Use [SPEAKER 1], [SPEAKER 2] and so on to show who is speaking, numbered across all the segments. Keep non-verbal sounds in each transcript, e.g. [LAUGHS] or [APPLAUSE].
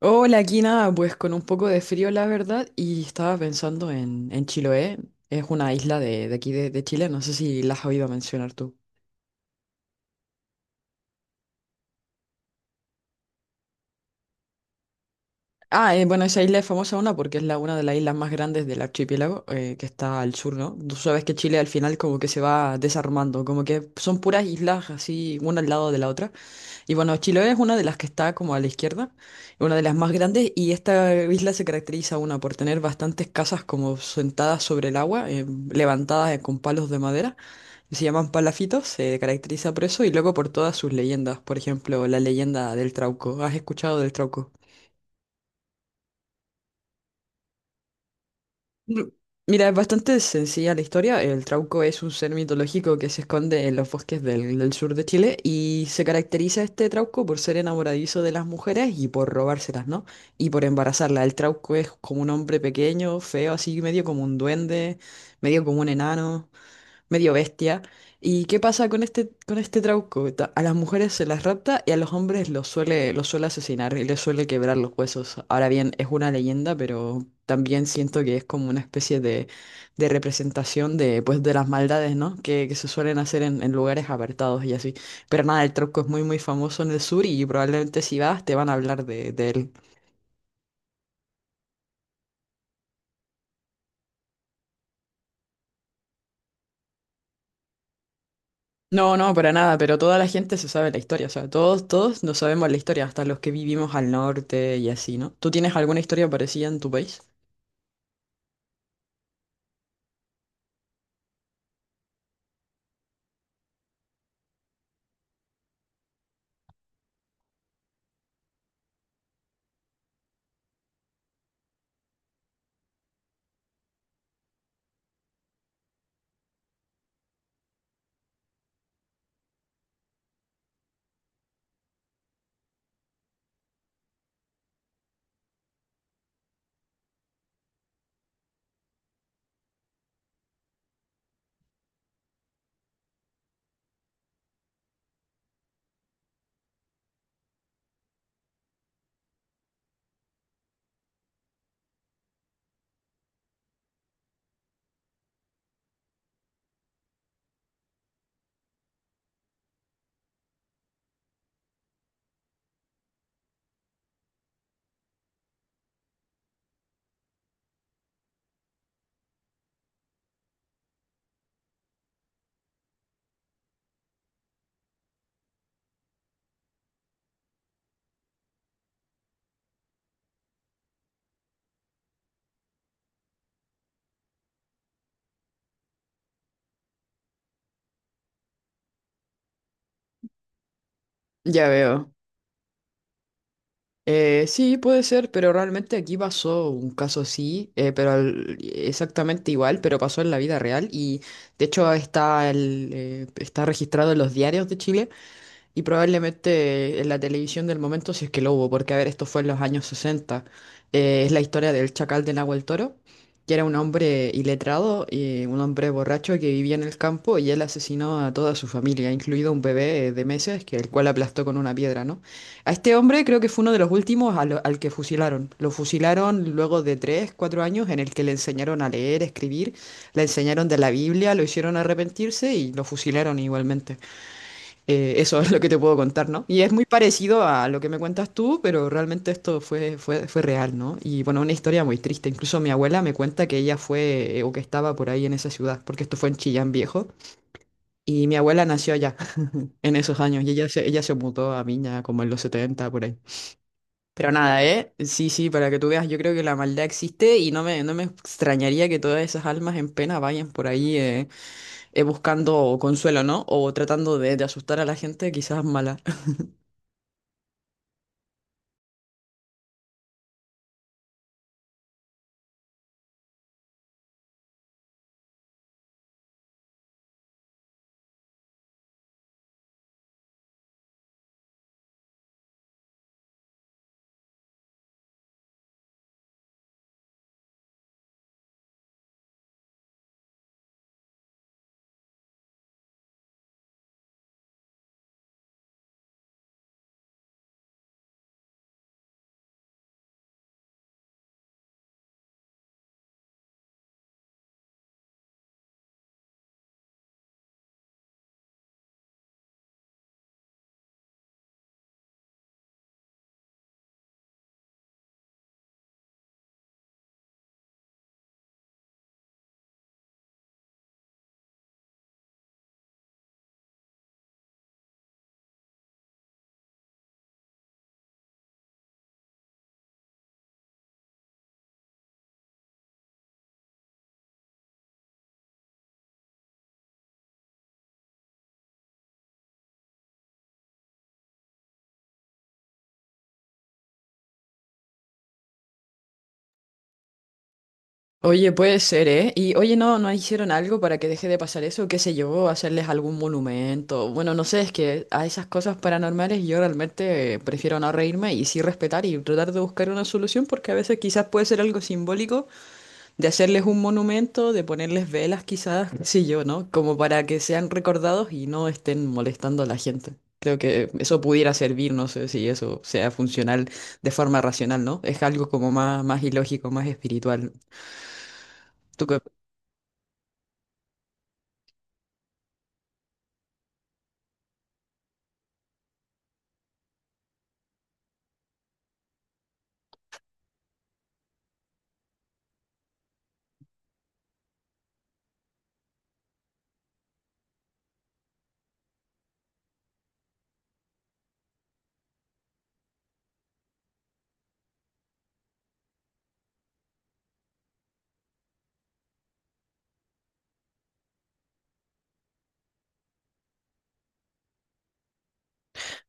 [SPEAKER 1] Hola, aquí nada, pues con un poco de frío, la verdad, y estaba pensando en Chiloé, es una isla de aquí de Chile, no sé si la has oído mencionar tú. Bueno, esa isla es famosa una porque es una de las islas más grandes del archipiélago, que está al sur, ¿no? Tú sabes que Chile al final como que se va desarmando, como que son puras islas así, una al lado de la otra. Y bueno, Chiloé es una de las que está como a la izquierda, una de las más grandes, y esta isla se caracteriza, una, por tener bastantes casas como sentadas sobre el agua, levantadas con palos de madera, y se llaman palafitos, se caracteriza por eso, y luego por todas sus leyendas, por ejemplo, la leyenda del Trauco. ¿Has escuchado del Trauco? Mm, Mira, es bastante sencilla la historia. El Trauco es un ser mitológico que se esconde en los bosques del sur de Chile y se caracteriza este Trauco por ser enamoradizo de las mujeres y por robárselas, ¿no? Y por embarazarlas. El Trauco es como un hombre pequeño, feo, así medio como un duende, medio como un enano medio bestia. ¿Y qué pasa con este Trauco? A las mujeres se las rapta y a los hombres los suele asesinar y les suele quebrar los huesos. Ahora bien, es una leyenda, pero también siento que es como una especie de representación de, pues, de las maldades, ¿no? Que se suelen hacer en lugares apartados y así. Pero nada, el Trauco es muy, muy famoso en el sur y probablemente si vas te van a hablar de él. No, no, para nada, pero toda la gente se sabe la historia, o sea, todos nos sabemos la historia, hasta los que vivimos al norte y así, ¿no? ¿Tú tienes alguna historia parecida en tu país? Ya veo. Sí, puede ser, pero realmente aquí pasó un caso así, pero exactamente igual, pero pasó en la vida real y de hecho está, está registrado en los diarios de Chile. Y probablemente en la televisión del momento, si es que lo hubo, porque a ver, esto fue en los años 60 es la historia del chacal de Nahuel Toro, que era un hombre iletrado y un hombre borracho que vivía en el campo y él asesinó a toda su familia, incluido un bebé de meses, que el cual aplastó con una piedra, ¿no? A este hombre creo que fue uno de los últimos al que fusilaron. Lo fusilaron luego de tres, cuatro años en el que le enseñaron a leer, escribir, le enseñaron de la Biblia, lo hicieron arrepentirse y lo fusilaron igualmente. Eso es lo que te puedo contar, ¿no? Y es muy parecido a lo que me cuentas tú, pero realmente esto fue real, ¿no? Y bueno, una historia muy triste. Incluso mi abuela me cuenta que ella fue o que estaba por ahí en esa ciudad, porque esto fue en Chillán Viejo. Y mi abuela nació allá [LAUGHS] en esos años y ella se mudó a Viña como en los 70 por ahí. Pero nada, ¿eh? Sí, sí, para que tú veas, yo creo que la maldad existe y no me extrañaría que todas esas almas en pena vayan por ahí buscando consuelo, ¿no? O tratando de asustar a la gente, quizás mala. Oye, puede ser, ¿eh? Y oye, ¿no hicieron algo para que deje de pasar eso? ¿Qué sé yo? ¿Hacerles algún monumento? Bueno, no sé, es que a esas cosas paranormales yo realmente prefiero no reírme y sí respetar y tratar de buscar una solución porque a veces quizás puede ser algo simbólico de hacerles un monumento, de ponerles velas quizás, qué sé yo, ¿no? Como para que sean recordados y no estén molestando a la gente. Creo que eso pudiera servir, no sé si eso sea funcional de forma racional, ¿no? Es algo como más, más ilógico, más espiritual. ¿Tú qué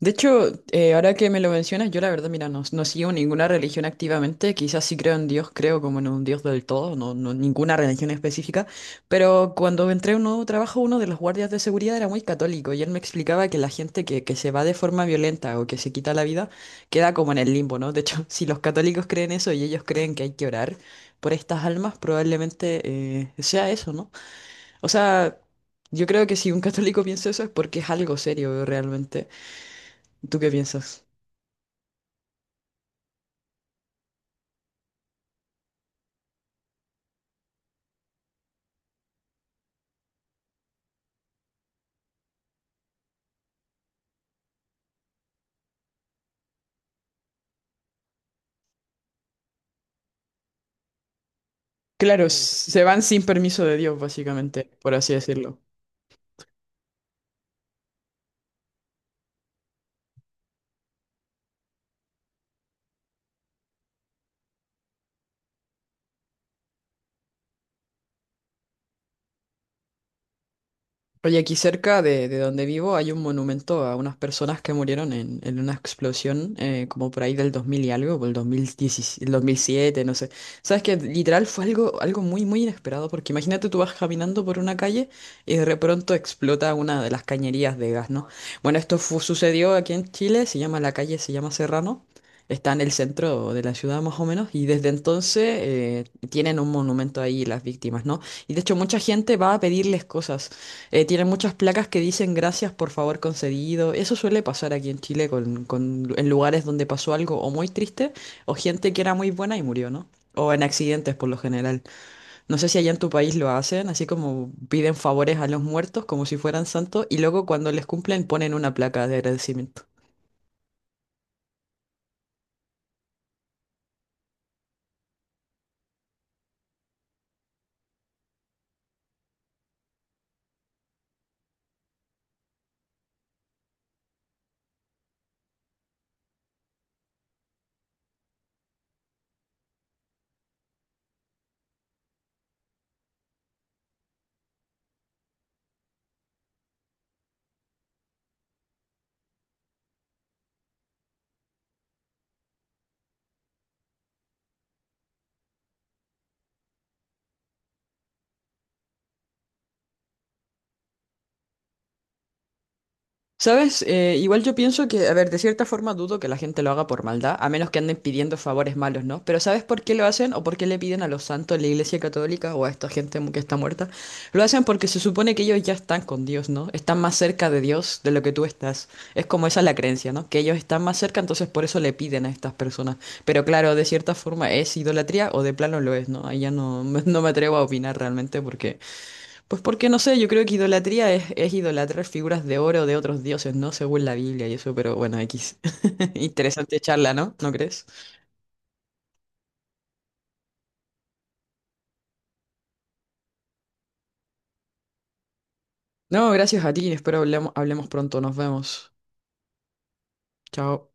[SPEAKER 1] De hecho, ahora que me lo mencionas, yo la verdad, mira, no sigo ninguna religión activamente, quizás sí creo en Dios, creo como en un Dios del todo, no ninguna religión específica, pero cuando entré a un nuevo trabajo, uno de los guardias de seguridad era muy católico y él me explicaba que la gente que se va de forma violenta o que se quita la vida queda como en el limbo, ¿no? De hecho, [LAUGHS] si los católicos creen eso y ellos creen que hay que orar por estas almas, probablemente sea eso, ¿no? O sea... Yo creo que si un católico piensa eso es porque es algo serio realmente. ¿Tú qué piensas? Claro, se van sin permiso de Dios, básicamente, por así decirlo. Oye, aquí cerca de donde vivo hay un monumento a unas personas que murieron en una explosión como por ahí del 2000 y algo, por el 2017, el 2007, no sé. Sabes que literal fue algo, algo muy, muy inesperado porque imagínate tú vas caminando por una calle y de pronto explota una de las cañerías de gas, ¿no? Bueno, esto sucedió aquí en Chile, se llama la calle, se llama Serrano. Está en el centro de la ciudad más o menos y desde entonces tienen un monumento ahí las víctimas, ¿no? Y de hecho mucha gente va a pedirles cosas. Tiene muchas placas que dicen gracias por favor concedido. Eso suele pasar aquí en Chile con, en lugares donde pasó algo o muy triste o gente que era muy buena y murió, ¿no? O en accidentes por lo general. No sé si allá en tu país lo hacen, así como piden favores a los muertos como si fueran santos y luego cuando les cumplen ponen una placa de agradecimiento. ¿Sabes? Igual yo pienso que, a ver, de cierta forma dudo que la gente lo haga por maldad, a menos que anden pidiendo favores malos, ¿no? Pero ¿sabes por qué lo hacen o por qué le piden a los santos, a la Iglesia Católica o a esta gente que está muerta? Lo hacen porque se supone que ellos ya están con Dios, ¿no? Están más cerca de Dios de lo que tú estás. Es como esa la creencia, ¿no? Que ellos están más cerca, entonces por eso le piden a estas personas. Pero claro, de cierta forma es idolatría o de plano lo es, ¿no? Ahí ya no, [LAUGHS] no me atrevo a opinar realmente porque... Pues porque no sé, yo creo que idolatría es idolatrar figuras de oro de otros dioses, ¿no? Según la Biblia y eso, pero bueno, X. [LAUGHS] Interesante charla, ¿no? ¿No crees? No, gracias a ti, espero hablemos pronto, nos vemos. Chao.